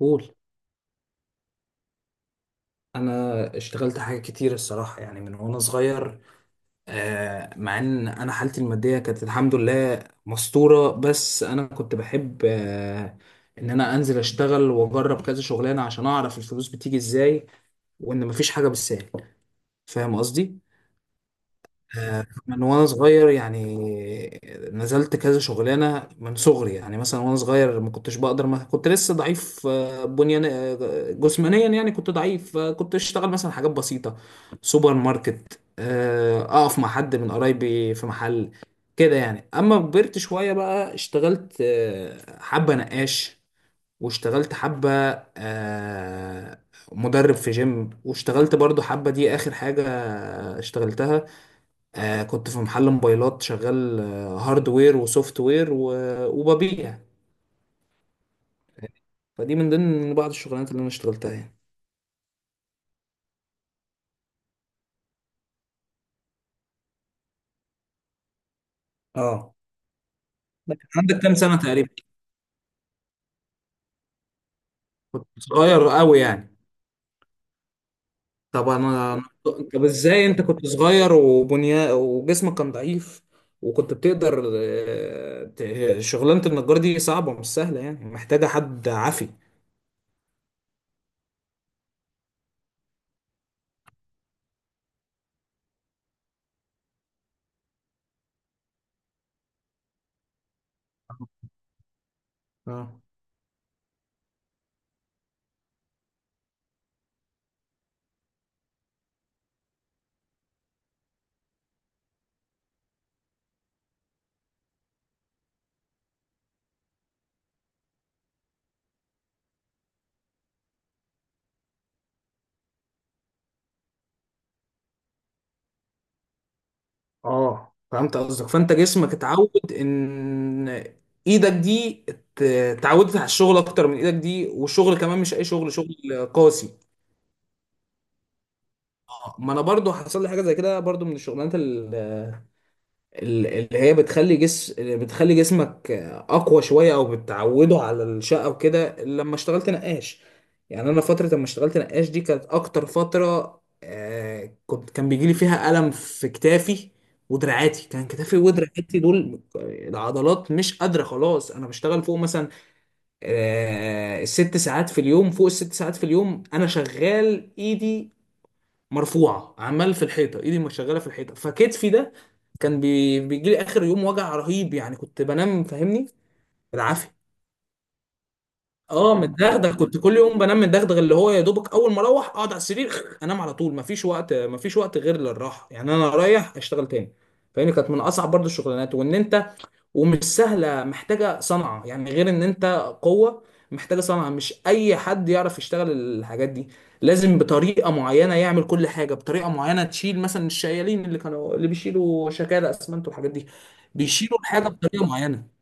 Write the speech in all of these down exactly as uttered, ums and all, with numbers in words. قول. انا اشتغلت حاجات كتير الصراحه، يعني من وانا صغير. آه، مع ان انا حالتي الماديه كانت الحمد لله مستوره، بس انا كنت بحب آه، ان انا انزل اشتغل واجرب كذا شغلانه عشان اعرف الفلوس بتيجي ازاي، وان مفيش حاجه بالسهل. فاهم قصدي؟ آه، من وانا صغير يعني. نزلت كذا شغلانه من صغري، يعني مثلا وانا صغير ما كنتش بقدر، ما كنت لسه ضعيف، آه، بنيان آه، جسمانيا، يعني كنت ضعيف. آه، كنت اشتغل مثلا حاجات بسيطه، سوبر ماركت، آه، اقف مع حد من قرايبي في محل كده يعني. اما كبرت شويه بقى اشتغلت آه، حبه نقاش، واشتغلت حبه، آه، مدرب في جيم، واشتغلت برضو حبه، دي اخر حاجه اشتغلتها. آه كنت في محل موبايلات، شغال آه، هاردوير وسوفت وير و- وببيع. فدي من ضمن بعض الشغلانات اللي انا اشتغلتها يعني. اه، ده كان عندك كام سنة تقريبا؟ كنت صغير قوي يعني؟ طب انا، طب ازاي انت كنت صغير وبنيا وجسمك كان ضعيف وكنت بتقدر؟ آه، ت- شغلانة النجار دي صعبة، مش سهلة، يعني محتاجة حد عافي. اه. اه فهمت قصدك، فانت جسمك اتعود ان ايدك دي ات- اتعودت على الشغل اكتر من ايدك دي، والشغل كمان مش اي شغل، شغل قاسي. آه، ما انا برضو حصل لي حاجه زي كده برضو، من الشغلانات ال- اللي هي بتخلي جس بتخلي جسمك اقوى شويه، او بتعوده على الشقه وكده. لما اشتغلت نقاش، يعني انا فتره لما اشتغلت نقاش دي كانت اكتر فتره آه، كنت كان بيجي لي فيها الم في كتافي ودراعاتي، كان كتافي ودراعاتي دول العضلات مش قادره خلاص. انا بشتغل فوق مثلا آه، الست ساعات في اليوم، فوق الست ساعات في اليوم انا شغال ايدي مرفوعه، عمال في الحيطه، ايدي مش شغاله في الحيطه، فكتفي ده كان بي... بيجي لي اخر يوم وجع رهيب، يعني كنت بنام، فاهمني، بالعافيه. اه متدغدغ، كنت كل يوم بنام متدغدغ، اللي هو يا دوبك اول ما اروح اقعد على السرير انام على طول، مفيش وقت، مفيش وقت غير للراحه، يعني انا رايح اشتغل تاني. فاهمني؟ كانت من اصعب برضو الشغلانات، وان انت ومش سهلة، محتاجة صنعة يعني، غير ان انت قوة، محتاجة صنعة، مش اي حد يعرف يشتغل الحاجات دي، لازم بطريقة معينة يعمل كل حاجة بطريقة معينة. تشيل مثلا الشيالين اللي كانوا اللي بيشيلوا شكالة اسمنت والحاجات دي، بيشيلوا الحاجة بطريقة معينة.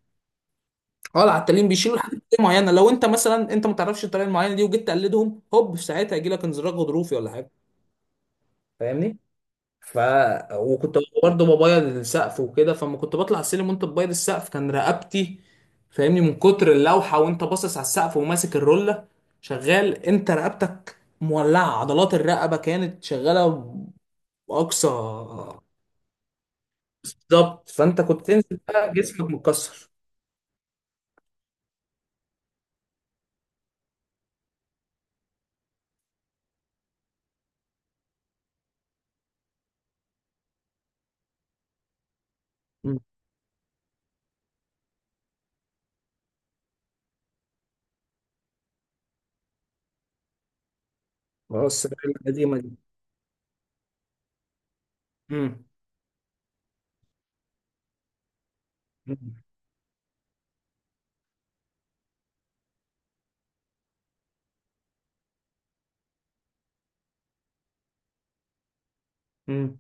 اه العتالين بيشيلوا الحاجة بطريقة معينة، لو انت مثلا انت ما تعرفش الطريقة المعينة دي وجيت تقلدهم، هوب في ساعتها يجي لك انزلاق غضروفي ولا حاجة. فاهمني؟ ف... وكنت برضه ببيض السقف وكده، فما كنت بطلع على السلم وانت بتبيض السقف كان رقبتي، فاهمني، من كتر اللوحه وانت باصص على السقف وماسك الروله شغال، انت رقبتك مولعه، عضلات الرقبه كانت شغاله باقصى. بالظبط، فانت كنت تنزل بقى جسمك متكسر. مم. بس القديمه دي. مم. مم. مم.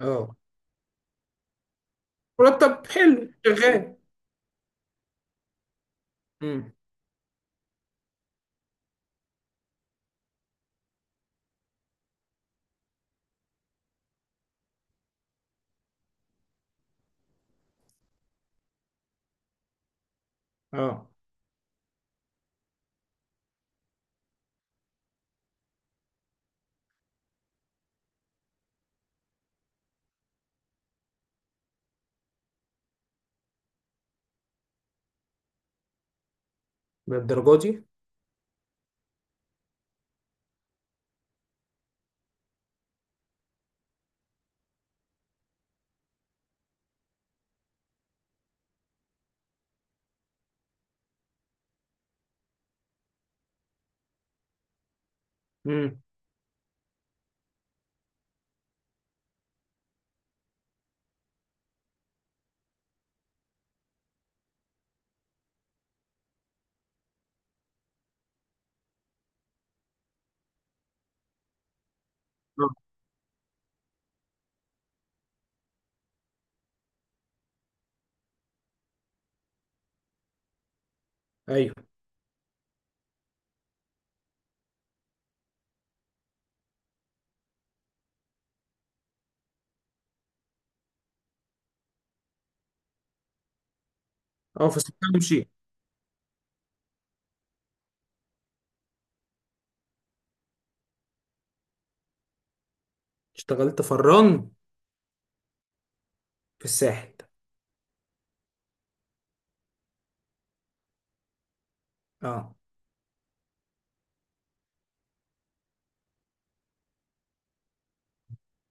اه، مرتب حلو شغال. مم. اه، للدرجه دي. مم. اه. ايوه. اه فسبتها ومشيت. اشتغلت فران في الساحل. اه،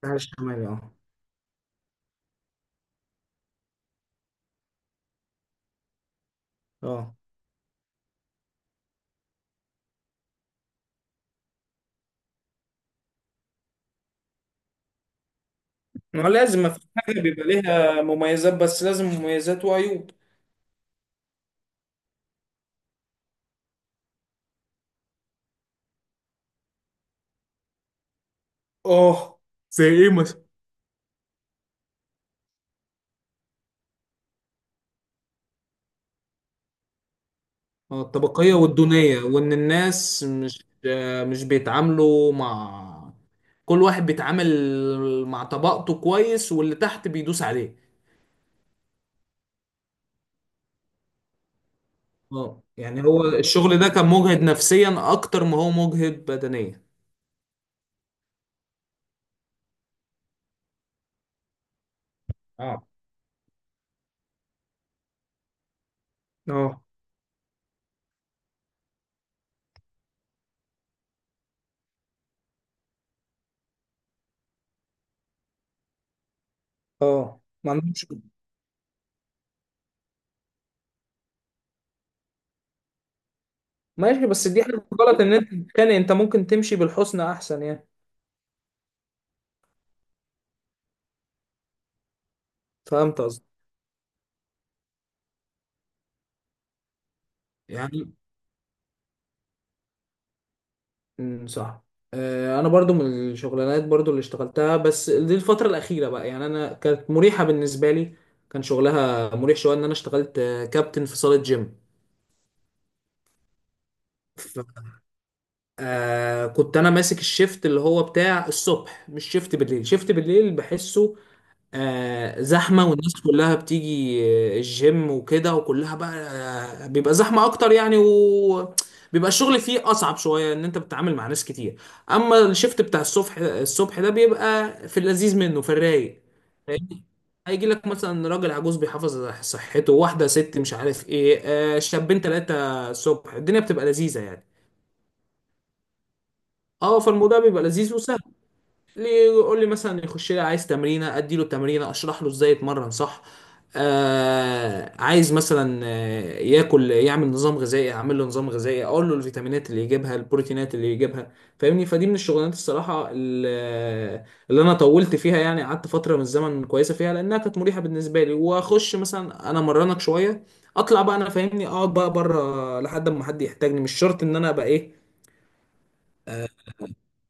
الساحل الشمالي، اه. اه، ما لازم، ما في حاجة بيبقى ليها مميزات بس، لازم مميزات وعيوب. اه، زي ايه مثلا؟ اه، الطبقية والدونية، وان الناس مش آه، مش بيتعاملوا مع، كل واحد بيتعامل مع طبقته كويس، واللي تحت بيدوس عليه. اه، يعني هو الشغل ده كان مجهد نفسيا اكتر ما هو مجهد بدنيا. اه. اه. اه، ما عندهمش. ماشي، بس دي حاجة غلط ان انت تتخانق، انت ممكن تمشي بالحسنى احسن يعني. فهمت قصدي؟ يعني. أمم، صح. آه، انا برضو من الشغلانات برضو اللي اشتغلتها، بس دي الفترة الأخيرة بقى، يعني انا كانت مريحة بالنسبة لي، كان شغلها مريح شوية. ان انا اشتغلت آه، كابتن في صالة جيم. ف... آه كنت انا ماسك الشيفت اللي هو بتاع الصبح، مش شيفت بالليل، شيفت بالليل بحسه آه، زحمة، والناس كلها بتيجي آه، الجيم وكده، وكلها بقى آه، بيبقى زحمة أكتر يعني، وبيبقى الشغل فيه أصعب شوية، إن أنت بتتعامل مع ناس كتير. أما الشيفت بتاع الصبح، الصبح ده بيبقى في اللذيذ منه، في الرايق. فاهمني؟ هيجي لك مثلا راجل عجوز بيحافظ على صحته، واحدة ست مش عارف إيه، آه، شابين تلاتة. الصبح الدنيا بتبقى لذيذة يعني. أه، فالموضوع بيبقى لذيذ وسهل. ليه؟ يقول لي مثلا يخش لي عايز تمرينه، ادي له تمرينه اشرح له ازاي يتمرن صح. آه عايز مثلا آه، ياكل يعمل نظام غذائي، اعمل له نظام غذائي، اقول له الفيتامينات اللي يجيبها، البروتينات اللي يجيبها. فاهمني؟ فدي من الشغلانات الصراحه ال- اللي انا طولت فيها، يعني قعدت فتره من الزمن كويسه فيها، لانها كانت مريحه بالنسبه لي. واخش مثلا انا مرنك شويه، اطلع بقى انا فاهمني، اقعد بقى بره لحد ما حد يحتاجني، مش شرط ان انا ابقى ايه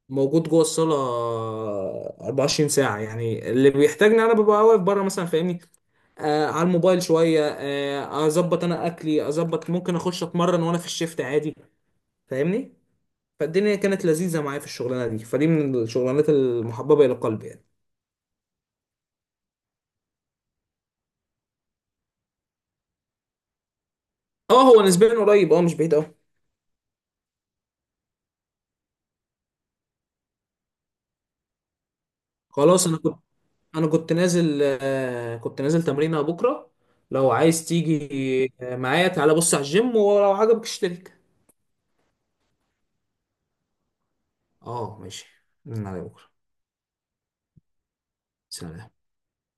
موجود جوه الصاله أربعة وعشرين ساعه، يعني اللي بيحتاجني انا ببقى واقف بره مثلا، فاهمني، آه على الموبايل شويه، آه اظبط انا اكلي، اظبط ممكن اخش اتمرن وانا في الشيفت عادي. فاهمني؟ فالدنيا كانت لذيذه معايا في الشغلانه دي، فدي من الشغلانات المحببه الى قلبي يعني. اه هو نسبيا قريب، اه مش بعيد قوي. خلاص، انا كنت انا كنت نازل، آه كنت نازل تمرينه بكره، لو عايز تيجي آه، معايا تعالى بص على الجيم، ولو عجبك اشترك. اه ماشي، من على بكره. سلام.